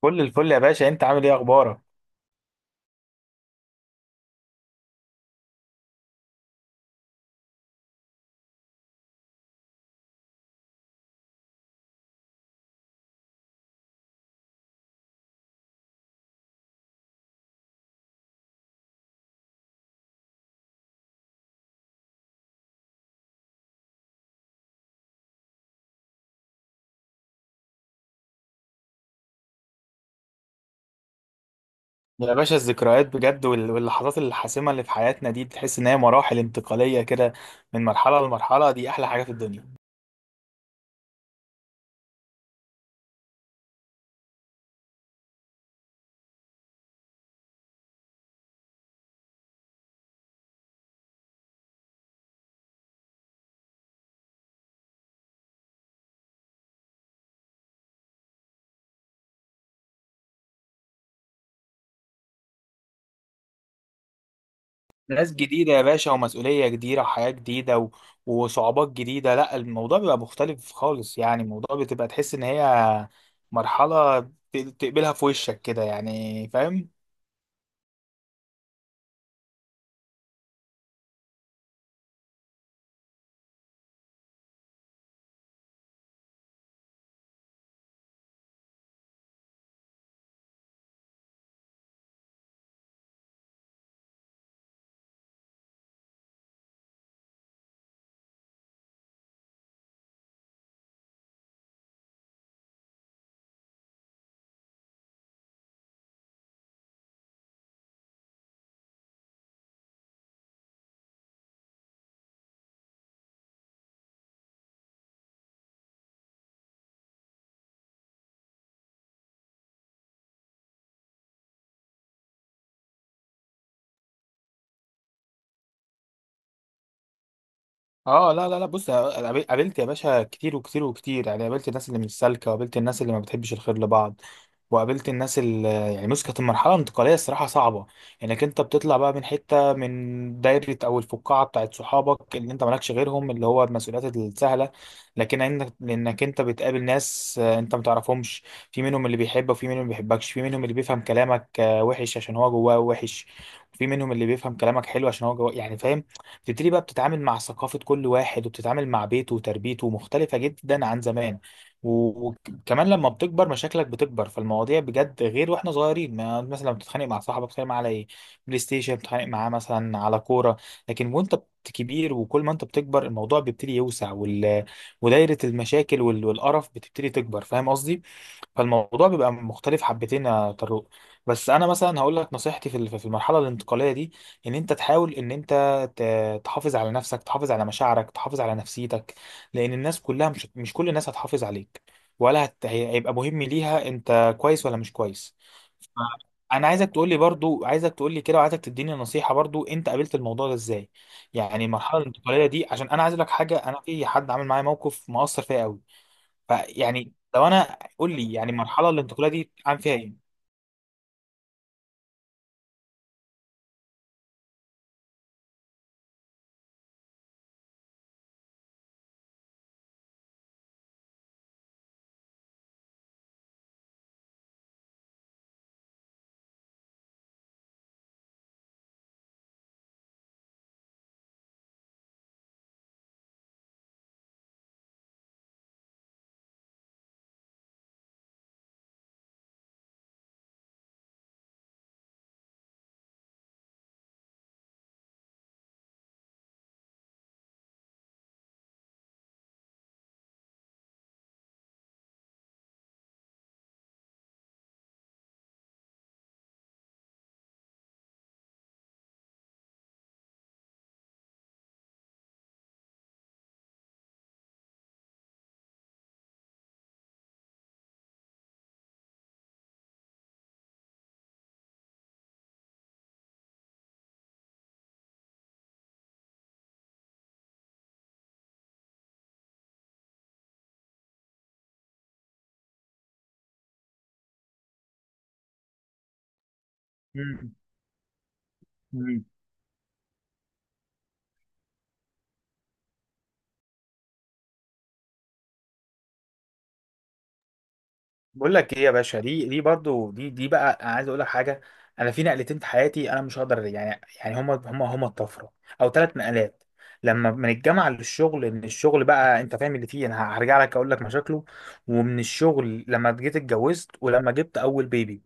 كل الفل يا باشا، انت عامل ايه؟ اخبارك؟ يا باشا الذكريات بجد واللحظات الحاسمه اللي في حياتنا دي تحس ان هي مراحل انتقاليه كده، من مرحله لمرحله، دي احلى حاجه في الدنيا. ناس جديده يا باشا ومسؤوليه جديده وحياه جديده وصعوبات جديده. لا الموضوع بيبقى مختلف خالص، يعني الموضوع بتبقى تحس ان هي مرحله تقبلها في وشك كده، يعني فاهم. اه لا لا لا، بص قابلت يا باشا كتير وكتير وكتير، يعني قابلت الناس اللي مش سالكه، وقابلت الناس اللي ما بتحبش الخير لبعض، وقابلت الناس اللي يعني بص، كانت المرحله الانتقاليه الصراحه صعبه، انك انت بتطلع بقى من حته، من دايره او الفقاعه بتاعت صحابك اللي انت مالكش غيرهم، اللي هو المسؤوليات السهله، لكن لانك انت بتقابل ناس انت ما تعرفهمش. في منهم اللي بيحبك، وفي منهم اللي ما بيحبكش، في منهم اللي بيفهم كلامك وحش عشان هو جواه وحش، وفي منهم اللي بيفهم كلامك حلو عشان هو جواه، يعني فاهم. بتبتدي بقى بتتعامل مع ثقافة كل واحد، وبتتعامل مع بيته وتربيته مختلفة جدا عن زمان. وكمان لما بتكبر مشاكلك بتكبر، فالمواضيع بجد غير واحنا صغيرين. ما مثلا لما بتتخانق مع صاحبك بتتخانق معاه على ايه؟ بلاي ستيشن، بتتخانق معاه مثلا على كورة. لكن كبير، وكل ما انت بتكبر الموضوع بيبتدي يوسع ودايرة المشاكل والقرف بتبتدي تكبر، فاهم قصدي؟ فالموضوع بيبقى مختلف حبتين يا طارق. بس انا مثلا هقول لك نصيحتي في المرحله الانتقاليه دي، ان انت تحاول ان انت تحافظ على نفسك، تحافظ على مشاعرك، تحافظ على نفسيتك، لان الناس كلها مش كل الناس هتحافظ عليك، ولا هيبقى مهم ليها انت كويس ولا مش كويس. ف- انا عايزك تقول لي برضو، عايزك تقول لي كده، وعايزك تديني نصيحة برضو، انت قابلت الموضوع ده ازاي؟ يعني المرحلة الانتقالية دي، عشان انا عايز اقول لك حاجة، انا في حد عامل معايا موقف مؤثر فيا قوي. فيعني لو انا، قول لي يعني المرحلة الانتقالية دي عامل فيها ايه؟ مم. بقول لك ايه يا باشا، دي برضو دي بقى انا عايز اقول لك حاجه. انا في نقلتين في حياتي، انا مش هقدر يعني يعني هما الطفره، او ثلاث نقلات. لما من الجامعه للشغل، ان الشغل بقى انت فاهم اللي فيه، انا هرجع لك اقول لك مشاكله، ومن الشغل لما جيت اتجوزت، ولما جبت اول بيبي.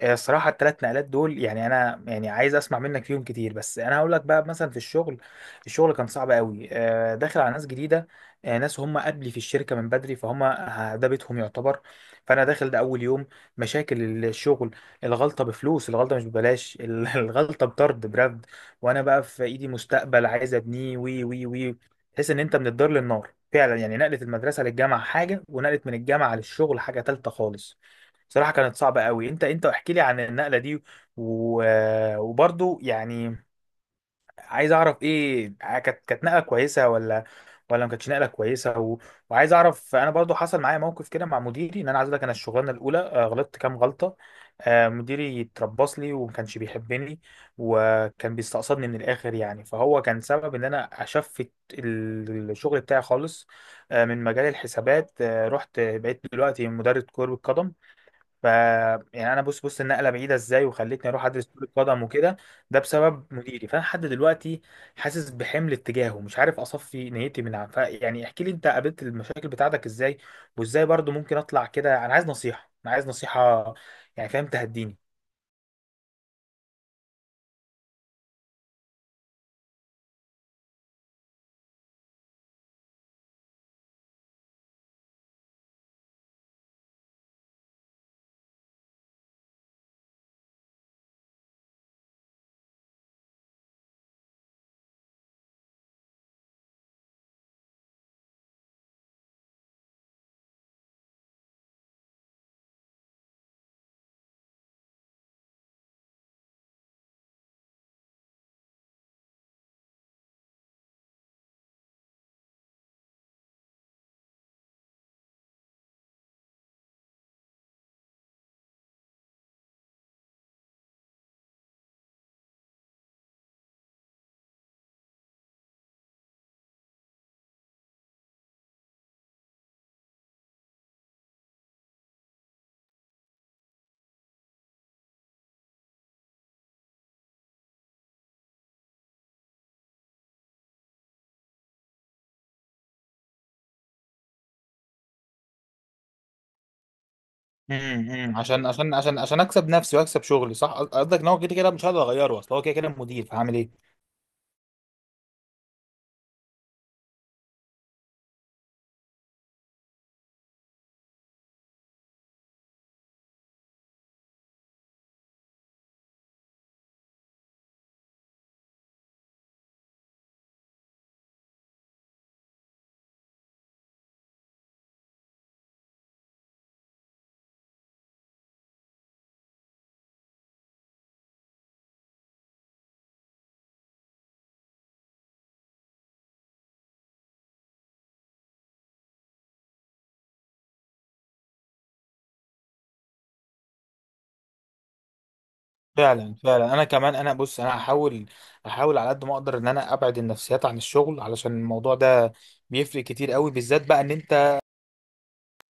الصراحة التلات نقلات دول يعني، أنا يعني عايز أسمع منك فيهم كتير، بس أنا هقول لك بقى مثلا في الشغل. الشغل كان صعب قوي، داخل على ناس جديدة، ناس هم قبلي في الشركة من بدري، فهم ده بيتهم يعتبر. فأنا داخل ده أول يوم. مشاكل الشغل، الغلطة بفلوس، الغلطة مش ببلاش، الغلطة بطرد برفد. وأنا بقى في إيدي مستقبل عايز أبنيه وي وي وي تحس إن أنت من الدار للنار فعلا، يعني نقلة المدرسة للجامعة حاجة، ونقلة من الجامعة للشغل حاجة تالتة خالص. بصراحة كانت صعبة قوي. انت احكي لي عن النقلة دي و... وبرضو يعني عايز اعرف، ايه كانت نقلة كويسة ولا، ولا ما كانتش نقلة كويسة وعايز اعرف. انا برضو حصل معايا موقف كده مع مديري، ان انا عايز اقول لك، انا الشغلانة الاولى غلطت كام غلطة. مديري اتربص لي وما كانش بيحبني، وكان بيستقصدني من الاخر يعني، فهو كان سبب ان انا اشفت الشغل بتاعي خالص. من مجال الحسابات، رحت بقيت دلوقتي مدرب كرة قدم. ف يعني انا بص بص النقله بعيده ازاي، وخلتني اروح ادرس كره قدم وكده. ده بسبب مديري، فانا لحد دلوقتي حاسس بحمل اتجاهه، مش عارف اصفي نيتي من. ف يعني احكي لي، انت قابلت المشاكل بتاعتك ازاي، وازاي برضو ممكن اطلع كده. انا عايز نصيحه، انا عايز نصيحه، يعني فاهم تهديني. أمم. عشان عشان عشان عشان اكسب نفسي واكسب شغلي، صح قصدك ان هو كده كده مش هقدر اغيره، اصل هو كده كده المدير، فهعمل ايه؟ فعلا فعلا. انا كمان، انا بص، انا هحاول على قد ما اقدر ان انا ابعد النفسيات عن الشغل، علشان الموضوع ده بيفرق كتير قوي، بالذات بقى ان انت،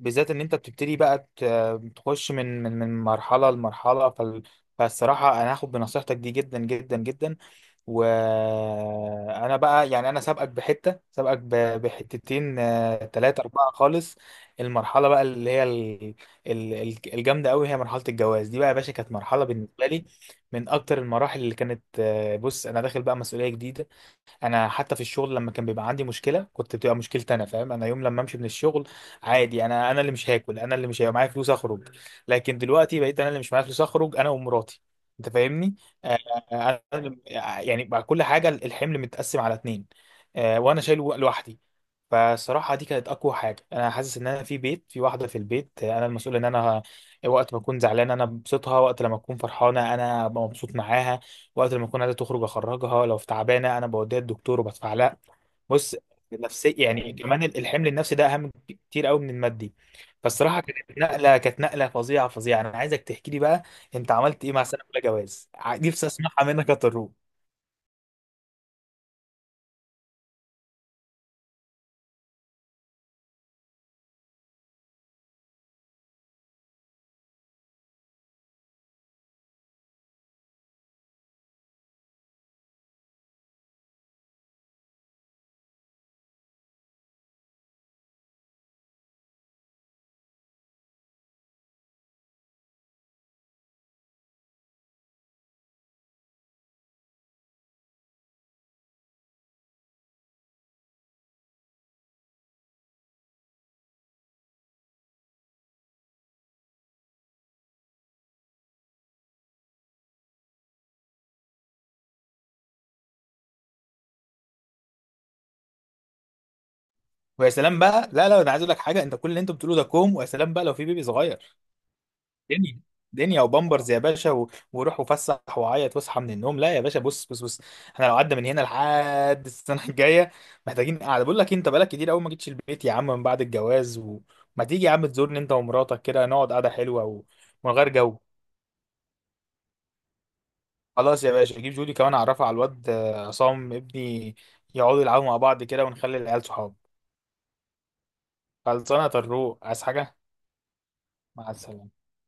بالذات ان انت بتبتدي بقى تخش من مرحله لمرحله. فالصراحه انا هاخد بنصيحتك دي جدا جدا جدا. وانا بقى يعني انا سابقك بحته، سابقك بحتتين تلاتة اربعة خالص. المرحله بقى اللي هي الجامده قوي، هي مرحله الجواز دي بقى يا باشا. كانت مرحله بالنسبه لي من اكتر المراحل اللي كانت، بص انا داخل بقى مسؤوليه جديده. انا حتى في الشغل لما كان بيبقى عندي مشكله كنت بتبقى مشكلتي انا، فاهم؟ انا يوم لما امشي من الشغل عادي، انا اللي مش هاكل، انا اللي مش هيبقى معايا فلوس اخرج. لكن دلوقتي بقيت انا اللي مش معايا فلوس اخرج انا ومراتي، انت فاهمني؟ آه، آه، أنا- يعني بقى كل حاجه الحمل متقسم على اتنين، وانا شايله لوحدي. فصراحة دي كانت أقوى حاجة، أنا حاسس إن أنا في بيت، في واحدة في البيت أنا المسؤول، إن أنا وقت ما أكون زعلان أنا ببسطها، وقت لما أكون فرحانة أنا أبقى مبسوط معاها، وقت لما أكون عايزة تخرج أخرجها، لو في تعبانة أنا بوديها الدكتور وبدفع لها. بص، نفسي يعني، كمان الحمل النفسي ده أهم كتير قوي من المادي. فالصراحة كانت نقلة، كانت نقلة فظيعة فظيعة. أنا عايزك تحكي لي بقى أنت عملت إيه مع سنة أولى جواز، نفسي أسمعها منك يا طروق. ويا سلام بقى، لا لا أنا عايز أقول لك حاجة، أنت كل اللي أنت بتقوله ده كوم، ويا سلام بقى لو في بيبي صغير. دنيا، دنيا وبامبرز يا باشا وروح وفسح وعيط واصحى من النوم. لا يا باشا، بص بص بص، احنا لو قعدنا من هنا لحد السنه الجايه، محتاجين قاعده. بقول لك إيه، انت بقالك كتير قوي ما جيتش البيت يا عم من بعد الجواز، وما تيجي يا عم تزورني انت ومراتك كده، نقعد قعده حلوه ومن غير جو. خلاص يا باشا جيب جودي كمان، اعرفها على الواد عصام ابني، يقعدوا يلعبوا مع بعض كده، ونخلي العيال صحاب. خلصانه يا طروق، عايز حاجه؟ مع السلامه.